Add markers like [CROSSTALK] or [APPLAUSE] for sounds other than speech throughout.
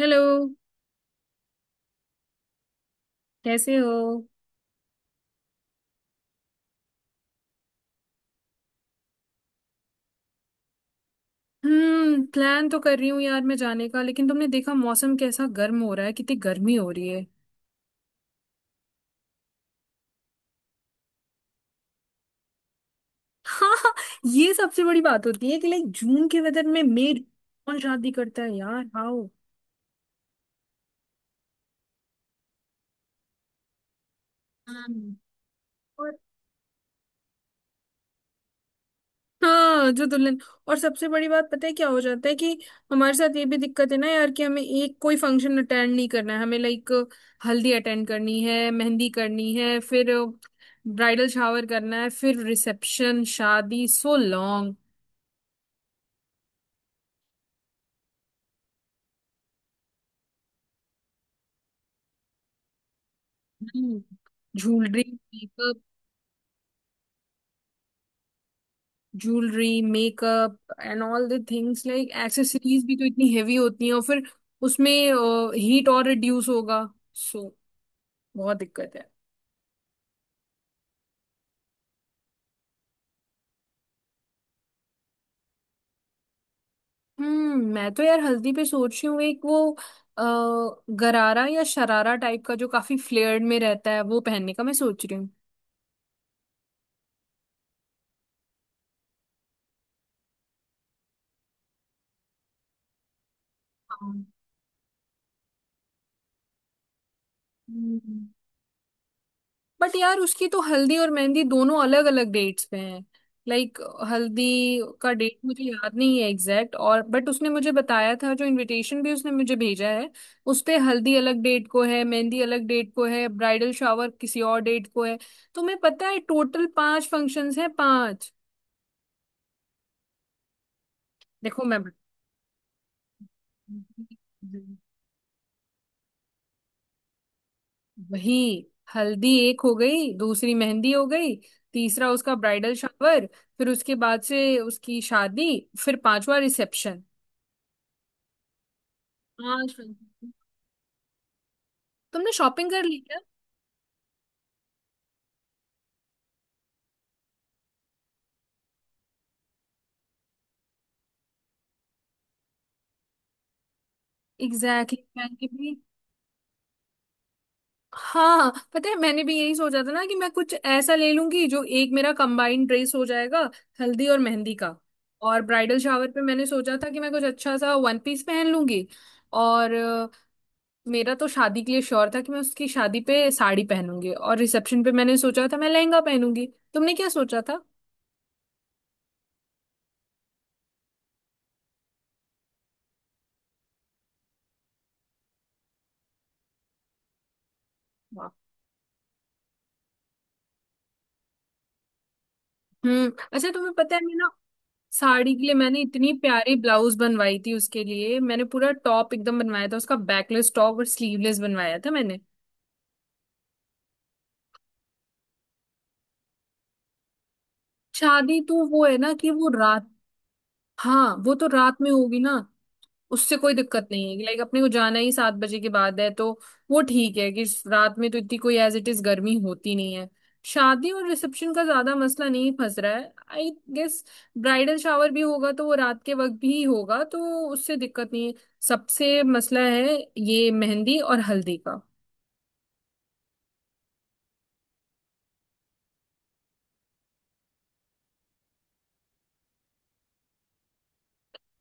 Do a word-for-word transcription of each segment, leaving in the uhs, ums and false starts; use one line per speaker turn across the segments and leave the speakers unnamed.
Hello. कैसे हो? हम्म, प्लान तो कर रही हूँ यार मैं जाने का। लेकिन तुमने देखा मौसम कैसा गर्म हो रहा है, कितनी गर्मी हो रही है। [LAUGHS] हाँ। ये सबसे बड़ी बात होती है कि लाइक जून के वेदर में मई कौन शादी करता है यार, हाउ। हाँ। हाँ जो दुल्हन। और सबसे बड़ी बात पता है क्या हो जाता है कि हमारे साथ ये भी दिक्कत है ना यार, कि हमें एक कोई फंक्शन अटेंड नहीं करना है, हमें लाइक हल्दी अटेंड करनी है, मेहंदी करनी है, फिर ब्राइडल शावर करना है, फिर रिसेप्शन, शादी, so long. Jewellery makeup. Jewellery makeup and all the things. Like accessories भी तो इतनी हेवी होती हैं, और फिर उसमें हीट और रिड्यूस होगा। सो बहुत दिक्कत है। हम्म, मैं तो यार हल्दी पे सोच रही हूँ एक वो अ, गरारा या शरारा टाइप का जो काफी फ्लेयर्ड में रहता है, वो पहनने का मैं सोच रही हूँ। हाँ। हम्म। बट यार उसकी तो हल्दी और मेहंदी दोनों अलग अलग डेट्स पे हैं। लाइक हल्दी का डेट मुझे याद नहीं है एग्जैक्ट, और बट उसने मुझे बताया था, जो इनविटेशन भी उसने मुझे भेजा है उस पे हल्दी अलग डेट को है, मेहंदी अलग डेट को है, ब्राइडल शावर किसी और डेट को है। तो मैं पता है टोटल पांच फंक्शंस हैं, पांच। देखो मैं। वही। हल्दी एक हो गई, दूसरी मेहंदी हो गई, तीसरा उसका ब्राइडल शावर, फिर उसके बाद से उसकी शादी, फिर पांचवा रिसेप्शन। हाँ शॉपिंग। तुमने शॉपिंग कर ली क्या? एग्जैक्टली exactly, मैंने भी। हाँ पता है, मैंने भी यही सोचा था ना कि मैं कुछ ऐसा ले लूंगी जो एक मेरा कंबाइंड ड्रेस हो जाएगा हल्दी और मेहंदी का। और ब्राइडल शावर पे मैंने सोचा था कि मैं कुछ अच्छा सा वन पीस पहन लूंगी। और मेरा तो शादी के लिए श्योर था कि मैं उसकी शादी पे साड़ी पहनूंगी, और रिसेप्शन पे मैंने सोचा था मैं लहंगा पहनूंगी। तुमने क्या सोचा था? वाह। हम्म, अच्छा तुम्हें पता है मैं ना साड़ी के लिए मैंने इतनी प्यारी ब्लाउज बनवाई थी, उसके लिए मैंने पूरा टॉप एकदम बनवाया था, उसका बैकलेस टॉप और स्लीवलेस बनवाया था मैंने। शादी तो वो है ना कि वो रात। हाँ वो तो रात में होगी ना। उससे कोई दिक्कत नहीं है। लाइक अपने को जाना ही सात बजे के बाद है, तो वो ठीक है कि रात में तो इतनी कोई एज इट इज गर्मी होती नहीं है। शादी और रिसेप्शन का ज्यादा मसला नहीं फंस रहा है आई गेस। ब्राइडल शावर भी होगा तो वो रात के वक्त भी होगा तो उससे दिक्कत नहीं है। सबसे मसला है ये मेहंदी और हल्दी का।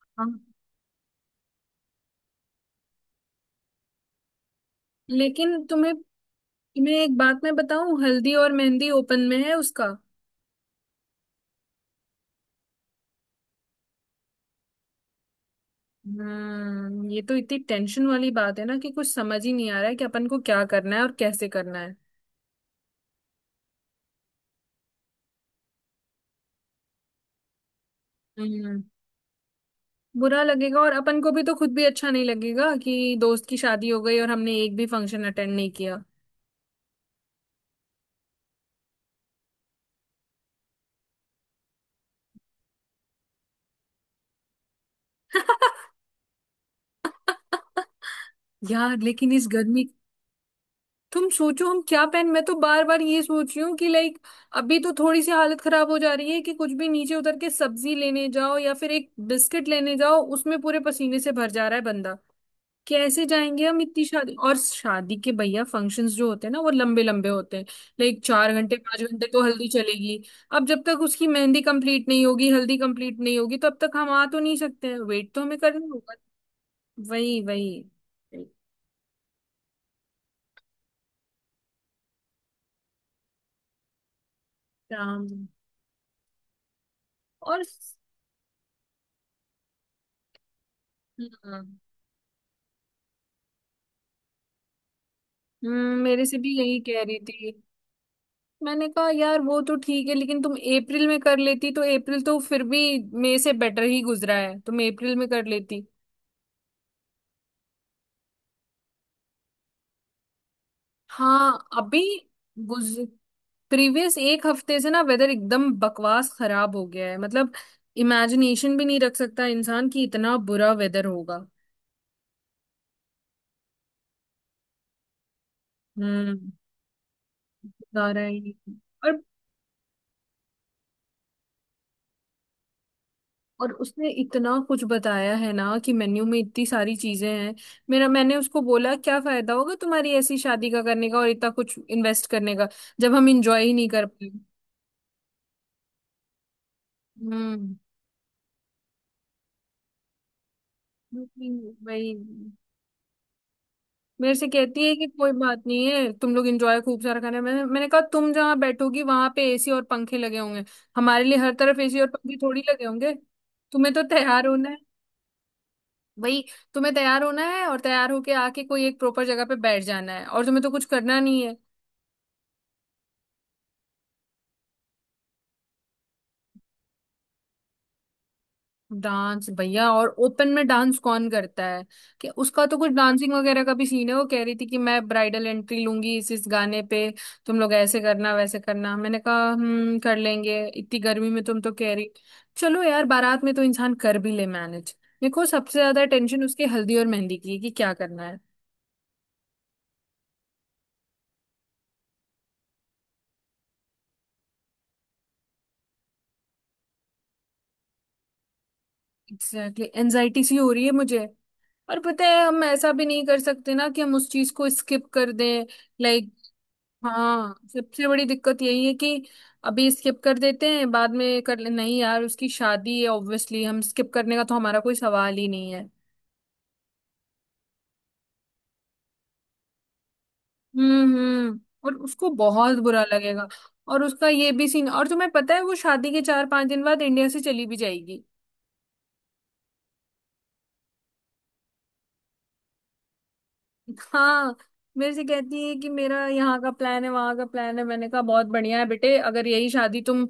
हाँ लेकिन तुम्हें। तुम्हें एक बात मैं बताऊं, हल्दी और मेहंदी ओपन में है उसका। हम्म, ये तो इतनी टेंशन वाली बात है ना कि कुछ समझ ही नहीं आ रहा है कि अपन को क्या करना है और कैसे करना है। हम्म, बुरा लगेगा, और अपन को भी तो, खुद भी अच्छा नहीं लगेगा कि दोस्त की शादी हो गई और हमने एक भी फंक्शन अटेंड नहीं किया। [LAUGHS] यार लेकिन इस गर्मी। तुम सोचो हम क्या पहन मैं तो बार बार ये सोच रही हूँ कि लाइक अभी तो थोड़ी सी हालत खराब हो जा रही है कि कुछ भी नीचे उतर के सब्जी लेने जाओ या फिर एक बिस्किट लेने जाओ, उसमें पूरे पसीने से भर जा रहा है। कैसे जाएंगे हम इतनी शादी, और शादी के भैया फंक्शंस जो होते हैं ना वो लंबे लंबे होते हैं। लाइक चार घंटे पांच घंटे तो हल्दी चलेगी। अब जब तक उसकी मेहंदी कंप्लीट नहीं होगी, हल्दी कंप्लीट नहीं होगी, तब तक हम आ तो नहीं सकते हैं, वेट तो हमें करना होगा। वही वही काम और। हाँ हम्म, मेरे से भी यही कह रही थी। मैंने कहा यार वो तो ठीक है लेकिन तुम अप्रैल में कर लेती तो अप्रैल तो फिर भी मई से बेटर ही गुजरा है, तुम अप्रैल में कर लेती। हाँ अभी गुज प्रीवियस एक हफ्ते से ना वेदर एकदम बकवास खराब हो गया है। मतलब इमेजिनेशन भी नहीं रख सकता इंसान कि इतना बुरा वेदर होगा। हम्म, बता रहा है ये। और। और उसने इतना कुछ बताया है ना कि मेन्यू में इतनी सारी चीजें हैं। मेरा मैंने उसको बोला क्या फायदा होगा तुम्हारी ऐसी शादी का करने का और इतना कुछ इन्वेस्ट करने का, जब हम इंजॉय ही नहीं कर पाए। हम्म। वही मेरे से कहती है कि कोई बात नहीं है, तुम लोग एंजॉय खूब सारा करना। मैंने मैंने कहा तुम जहाँ बैठोगी वहां पे एसी और पंखे लगे होंगे, हमारे लिए हर तरफ एसी और पंखे थोड़ी लगे होंगे। तुम्हें तो तैयार होना है। वही। तुम्हें तैयार होना है और तैयार होके आके कोई एक प्रॉपर जगह पे बैठ जाना है, और तुम्हें तो कुछ करना नहीं है। डांस भैया, और ओपन में डांस कौन करता है? कि उसका तो कुछ डांसिंग वगैरह का भी सीन है, वो कह रही थी कि मैं ब्राइडल एंट्री लूंगी इस इस गाने पे। तुम लोग ऐसे करना वैसे करना। मैंने कहा हम कर लेंगे इतनी गर्मी में, तुम तो कह रही। चलो यार बारात में तो इंसान कर भी ले मैनेज। देखो सबसे ज्यादा टेंशन उसकी हल्दी और मेहंदी की है कि क्या करना है। Exactly exactly. एनजाइटी सी हो रही है मुझे, और पता है हम ऐसा भी नहीं कर सकते ना कि हम उस चीज को स्किप कर दें। लाइक। हाँ सबसे बड़ी दिक्कत यही है कि अभी स्किप कर देते हैं बाद में कर ले, नहीं यार उसकी शादी है, ऑब्वियसली हम स्किप करने का तो हमारा कोई सवाल ही नहीं है। हम्म हम्म, और उसको बहुत बुरा लगेगा। और उसका ये भी सीन, और तुम्हें पता है वो शादी के चार पांच दिन बाद इंडिया से चली भी जाएगी। हाँ मेरे से कहती है कि मेरा यहाँ का प्लान है वहाँ का प्लान है, मैंने कहा बहुत बढ़िया है बेटे। अगर यही शादी तुम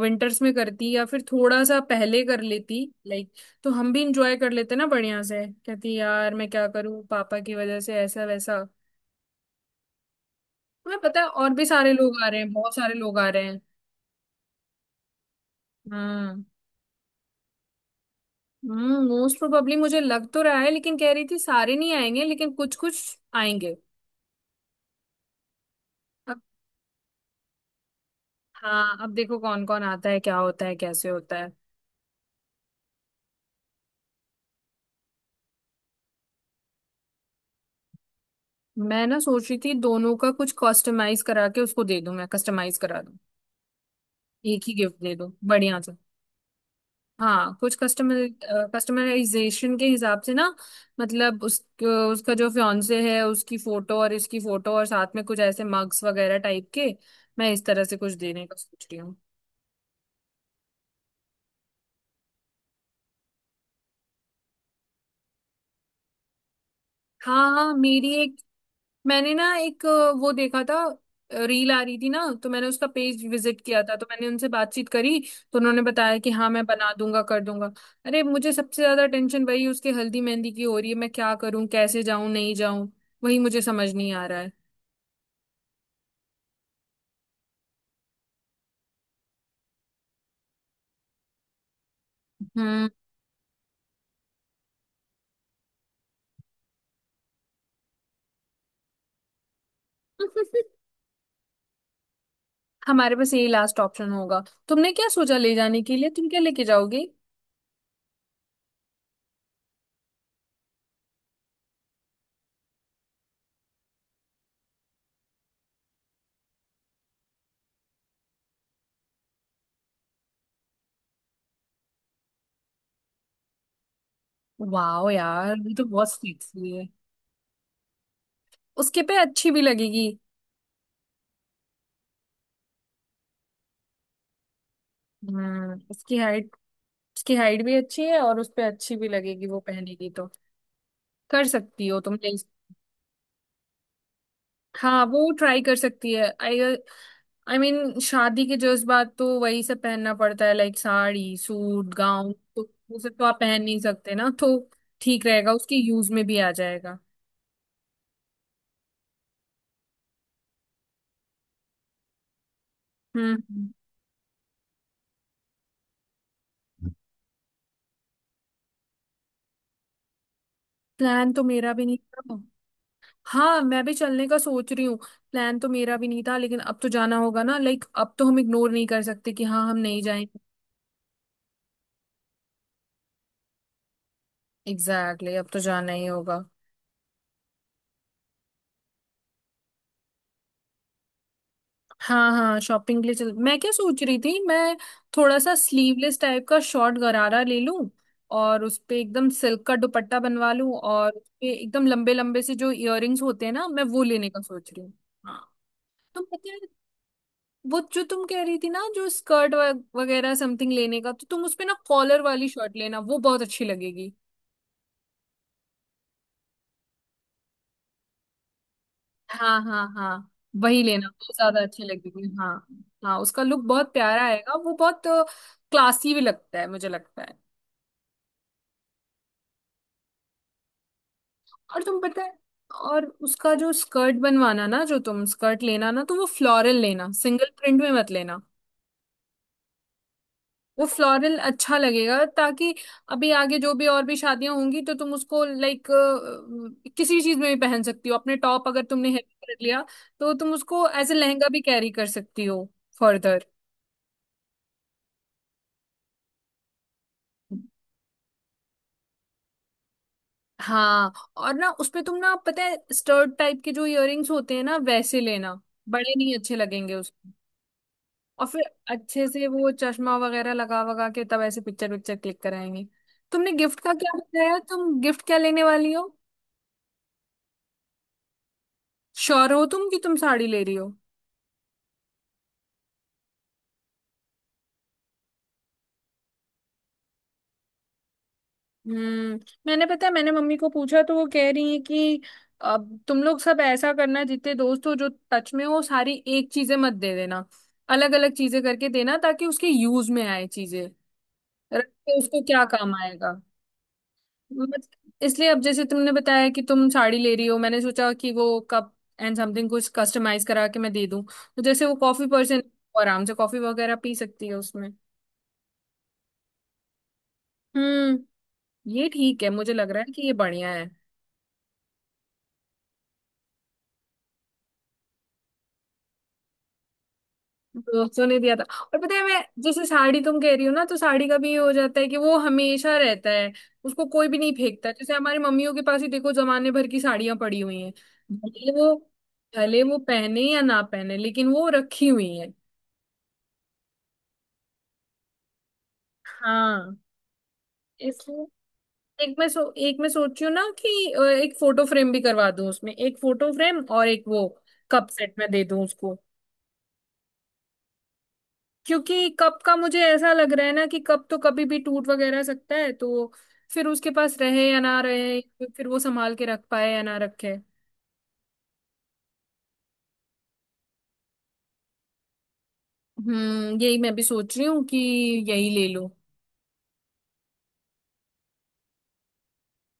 विंटर्स में करती या फिर थोड़ा सा पहले कर लेती लाइक, तो हम भी इंजॉय कर लेते ना बढ़िया से। कहती यार मैं क्या करूँ पापा की वजह से ऐसा वैसा। तुम्हें पता है और भी सारे लोग आ रहे हैं, बहुत सारे लोग आ रहे हैं। हाँ। हम्म, मोस्ट प्रोबेबली मुझे लग तो रहा है, लेकिन कह रही थी सारे नहीं आएंगे लेकिन कुछ कुछ आएंगे। अब। हाँ अब देखो कौन कौन आता है, क्या होता है, कैसे होता है। मैं ना सोच रही थी दोनों का कुछ कस्टमाइज करा के उसको दे दूं, मैं कस्टमाइज करा दूं एक ही गिफ्ट दे दूं बढ़िया सा। हाँ कुछ कस्टमर कस्टमाइजेशन के हिसाब से ना। मतलब उस उसका जो फियांसे है उसकी फोटो और इसकी फोटो और साथ में कुछ ऐसे मग्स वगैरह टाइप के। मैं इस तरह से कुछ देने का सोच रही हूँ। हाँ हाँ मेरी एक मैंने ना एक अ, वो देखा था। रील आ रही थी ना तो मैंने उसका पेज विजिट किया था, तो मैंने उनसे बातचीत करी। तो उन्होंने बताया कि हाँ मैं बना दूंगा कर दूंगा। अरे मुझे सबसे ज्यादा टेंशन वही उसके हल्दी मेहंदी की हो रही है, मैं क्या करूं कैसे जाऊं नहीं जाऊं। वही मुझे समझ नहीं आ रहा है। हम्म। [LAUGHS] हमारे पास यही लास्ट ऑप्शन होगा। तुमने क्या सोचा ले जाने के लिए, तुम क्या लेके जाओगे? वाह यार ये तो बहुत सेक्सी है। उसके पे अच्छी भी लगेगी। हम्म, उसकी हाइट। उसकी हाइट भी अच्छी है और उस पे अच्छी भी लगेगी वो पहनेगी तो। कर सकती हो तुम नहीं। हाँ वो ट्राई कर सकती है। आई। आई मीन शादी के जज्बात तो वही सब पहनना पड़ता है लाइक साड़ी सूट गाउन तो। वो सब तो आप पहन नहीं सकते ना, तो ठीक रहेगा उसकी यूज में भी आ जाएगा। हम्म, प्लान तो मेरा भी नहीं था। हाँ मैं भी चलने का सोच रही हूँ। प्लान तो मेरा भी नहीं था लेकिन अब तो जाना होगा ना, लाइक अब तो हम इग्नोर नहीं कर सकते कि हाँ हम नहीं जाएंगे। एग्जैक्टली exactly, अब तो जाना ही होगा। हाँ हाँ शॉपिंग के लिए चल। मैं क्या सोच रही थी मैं थोड़ा सा स्लीवलेस टाइप का शॉर्ट गरारा ले लूं, और उस पे एकदम सिल्क का दुपट्टा बनवा लूं, और उस पे एकदम लंबे लंबे से जो इयररिंग्स होते हैं ना मैं वो लेने का सोच रही हूँ। हाँ तुम पता है वो जो तुम कह रही थी ना जो स्कर्ट वगैरह समथिंग लेने का, तो तुम उस पे ना कॉलर वाली शर्ट लेना, वो बहुत अच्छी लगेगी। हाँ हाँ हाँ, वही लेना, वो ज्यादा अच्छी लगेगी। हाँ हाँ, उसका लुक बहुत प्यारा आएगा, वो बहुत क्लासी भी लगता है मुझे लगता है। और तुम पता है, और उसका जो स्कर्ट बनवाना ना, जो तुम स्कर्ट लेना ना, तो वो फ्लोरल लेना, सिंगल प्रिंट में मत लेना। वो फ्लोरल अच्छा लगेगा ताकि अभी आगे जो भी और भी शादियां होंगी तो तुम उसको लाइक किसी चीज में भी पहन सकती हो। अपने टॉप अगर तुमने हैवी कर लिया, तो तुम उसको एज ए लहंगा भी कैरी कर सकती हो फर्दर। हाँ और ना उसमें तुम ना पता है स्टर्ड टाइप के जो इयररिंग्स होते हैं ना वैसे लेना, बड़े नहीं अच्छे लगेंगे उसमें। और फिर अच्छे से वो चश्मा वगैरह लगा वगा के तब ऐसे पिक्चर विक्चर क्लिक कराएंगे। तुमने गिफ्ट का क्या बताया, तुम गिफ्ट क्या लेने वाली हो? श्योर हो तुम कि तुम साड़ी ले रही हो? हम्म, मैंने पता है मैंने मम्मी को पूछा, तो वो कह रही है कि अब तुम लोग सब ऐसा करना, जितने दोस्त हो जो टच में हो, सारी एक चीजें मत दे देना, अलग अलग चीजें करके देना ताकि उसके यूज में आए। चीजें रख के उसको क्या काम आएगा। मत- इसलिए अब जैसे तुमने बताया कि तुम साड़ी ले रही हो, मैंने सोचा कि वो कप एंड समथिंग कुछ कस्टमाइज करा के मैं दे दूं, तो जैसे वो कॉफी पर्सन, आराम से कॉफी वगैरह पी सकती है उसमें। हम्म। ये ठीक है मुझे लग रहा है कि ये बढ़िया है। दोस्तों ने दिया था। और पता है मैं जैसे साड़ी तुम कह रही हो ना, तो साड़ी का भी ये हो जाता है कि वो हमेशा रहता है, उसको कोई भी नहीं फेंकता। जैसे हमारी मम्मियों के पास ही देखो, जमाने भर की साड़ियां पड़ी हुई हैं। भले वो। भले वो पहने या ना पहने लेकिन वो रखी हुई है। हाँ। इसलिए एक मैं सो एक मैं सोच रही हूँ ना कि अ, एक फोटो फ्रेम भी करवा दूं उसमें, एक फोटो फ्रेम और एक वो कप सेट में दे दूं उसको। क्योंकि कप का मुझे ऐसा लग रहा है ना कि कप तो कभी भी टूट वगैरह सकता है, तो फिर उसके पास रहे या ना रहे, फिर वो संभाल के रख पाए या ना रखे। हम्म, यही मैं भी सोच रही हूँ कि यही ले लो।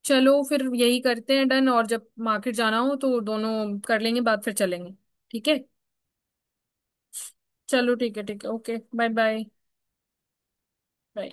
चलो फिर यही करते हैं डन, और जब मार्केट जाना हो तो दोनों कर लेंगे बात, फिर चलेंगे। ठीक है? चलो ठीक है, ठीक है, ओके बाय बाय। बाय।